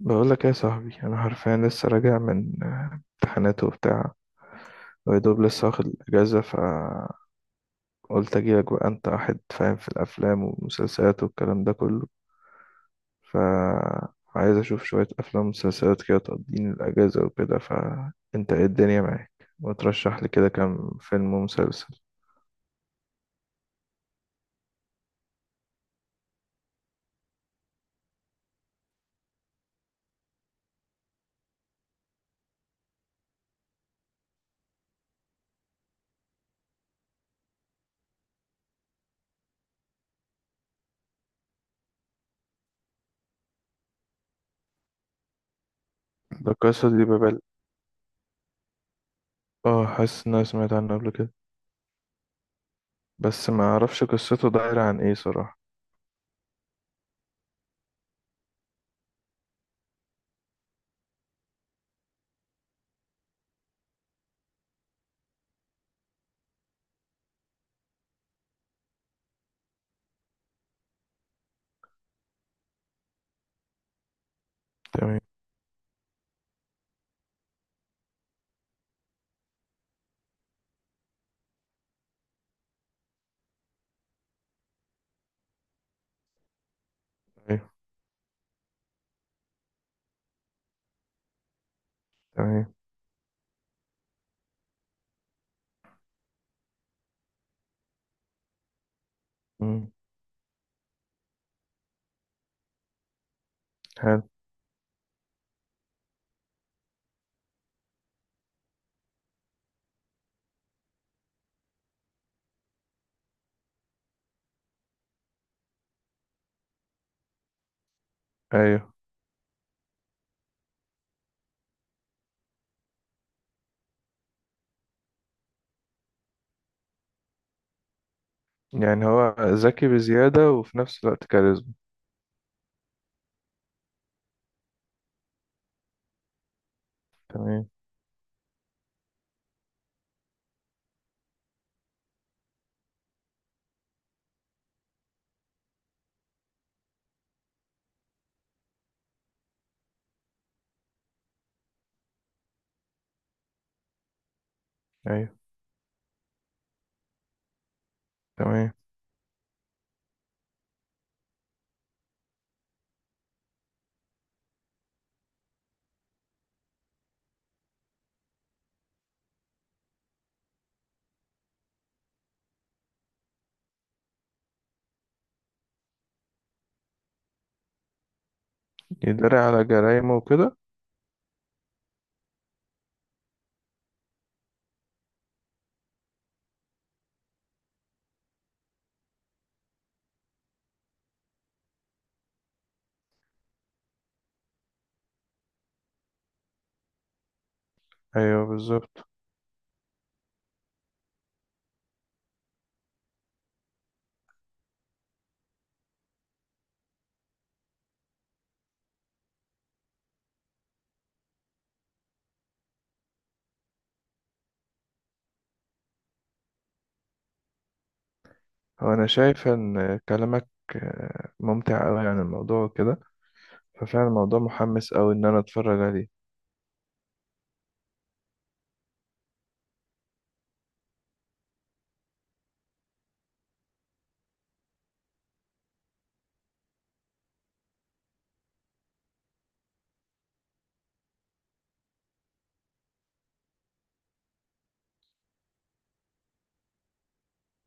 بقول لك ايه يا صاحبي؟ انا حرفيا لسه راجع من امتحانات وبتاع، ويدوب لسه واخد الاجازه، فقلت اجيلك بقى. انت واحد فاهم في الافلام والمسلسلات والكلام ده كله، فعايز اشوف شويه افلام ومسلسلات كده تقضيني الاجازه وكده. فانت ايه، الدنيا معاك؟ وترشح لي كده كام فيلم ومسلسل. ده قصة دي ببال، اه حاسس ان انا سمعت عنه قبل كده، بس ما اعرفش قصته دايره عن ايه صراحه. تمام. ايوه. تمام. مم، حلو. ايوه. يعني هو ذكي بزيادة وفي نفس الوقت كاريزما. تمام. أيوه. تمام. يدري على جرايمه وكده. أيوه بالظبط. هو أنا شايف إن كلامك ممتع أوي عن الموضوع وكده، ففعلا الموضوع محمس أوي إن أنا أتفرج عليه.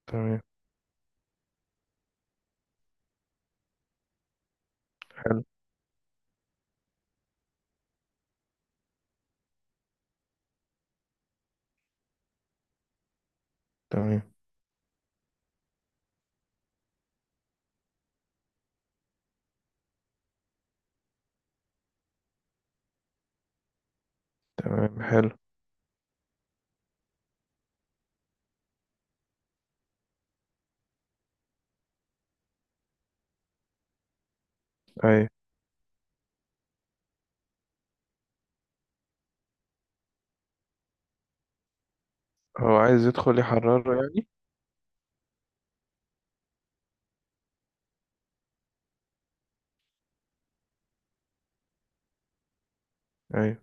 تمام. حلو. تمام. تمام. حلو. أيوه. هو عايز يدخل يحرره يعني. أيوه.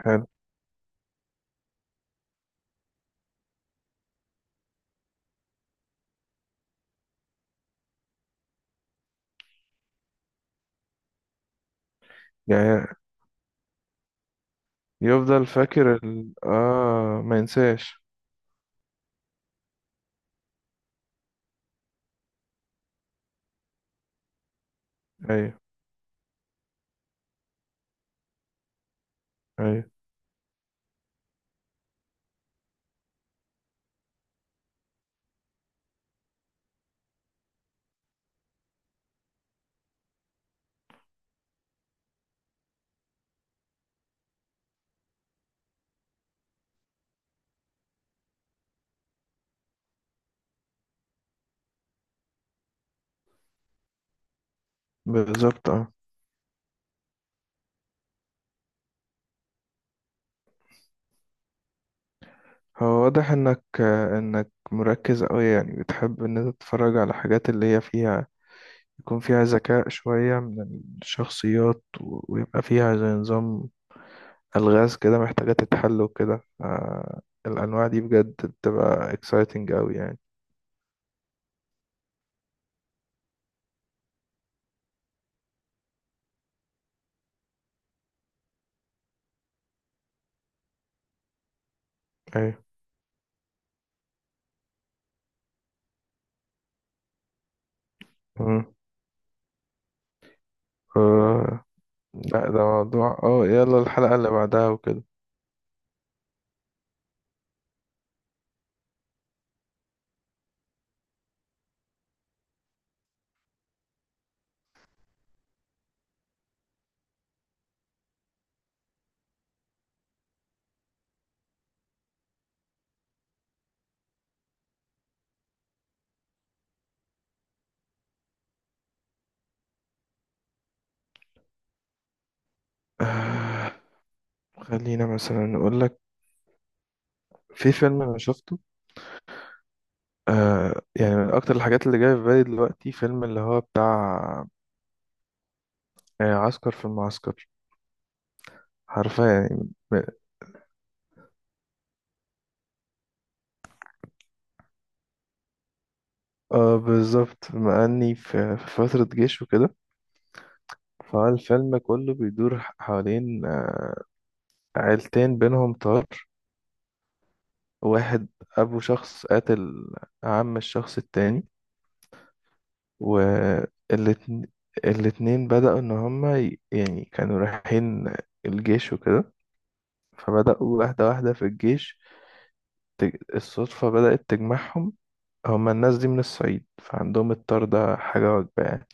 حلو يعني، يفضل فاكر ال... آه ما ينساش. أيوه. أيوه بالظبط. اه. هو واضح انك انك مركز قوي يعني، بتحب ان انت تتفرج على حاجات اللي هي فيها، يكون فيها ذكاء شوية من الشخصيات، و- ويبقى فيها زي نظام ألغاز كده محتاجة تتحل وكده. الأنواع دي بجد بتبقى exciting قوي يعني. ايوه. مم. آه، لا ده موضوع، اه يلا الحلقة اللي بعدها وكده. آه، خلينا مثلا نقول لك، في فيلم انا شفته، آه يعني من اكتر الحاجات اللي جايه في بالي دلوقتي، فيلم اللي هو بتاع عسكر في المعسكر. حرفيا يعني م-، اه بالظبط، بما اني في في فترة جيش وكده، فالفيلم كله بيدور ح- حوالين عيلتين بينهم طار. واحد أبو شخص قاتل، عم الشخص التاني، والاتنين، الاتنين بدأوا إن هما ي- يعني كانوا رايحين الجيش وكده، فبدأوا واحدة واحدة في الجيش. تج- الصدفة بدأت تجمعهم، هما الناس دي من الصعيد فعندهم الطار ده حاجة وجبة يعني.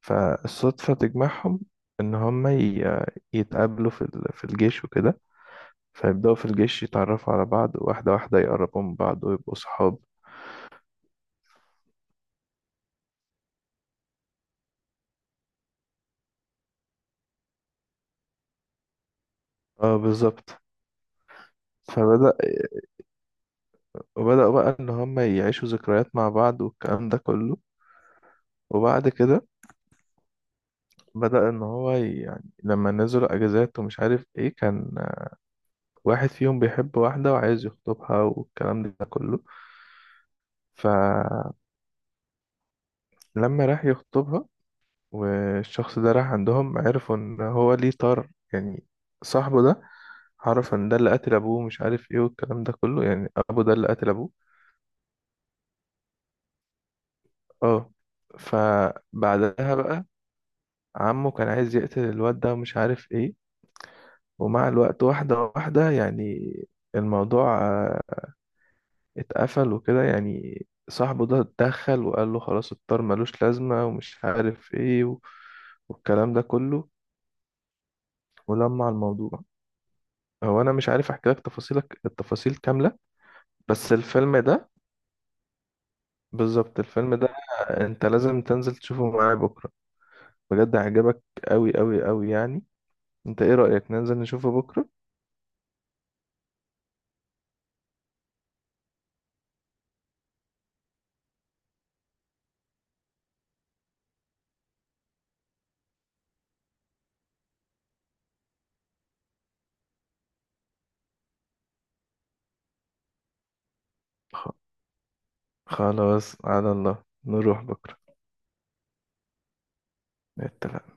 فالصدفة تجمعهم إن هما ي- يتقابلوا في ال- في الجيش وكده. فيبدأوا في الجيش يتعرفوا على بعض واحدة واحدة، يقربوا من بعض ويبقوا صحاب. اه بالظبط. فبدأ، وبدأوا بقى إن هما يعيشوا ذكريات مع بعض والكلام ده كله. وبعد كده بدأ إن هو ي- يعني لما نزلوا أجازات ومش عارف إيه كان، واحد فيهم بيحب واحدة وعايز يخطبها والكلام ده كله. فلما راح يخطبها، والشخص ده راح عندهم، عرفوا ان هو ليه طار يعني. صاحبه ده عرف ان ده اللي قتل ابوه، مش عارف ايه والكلام ده كله يعني، ابو ده اللي قتل ابوه. اه. فبعدها بقى عمه كان عايز يقتل الواد ده ومش عارف ايه. ومع الوقت واحدة واحدة يعني، الموضوع اتقفل وكده يعني، صاحبه ده اتدخل وقال له خلاص الطار ملوش لازمة ومش عارف ايه و... والكلام ده كله، ولمع الموضوع. هو انا مش عارف احكي لك تفاصيلك التفاصيل كامله، بس الفيلم ده، بالظبط الفيلم ده انت لازم تنزل تشوفه معايا بكره، بجد هيعجبك قوي قوي قوي يعني. انت ايه رايك ننزل نشوفه بكره؟ خ- خلاص على الله نروح بكره. اتفقنا.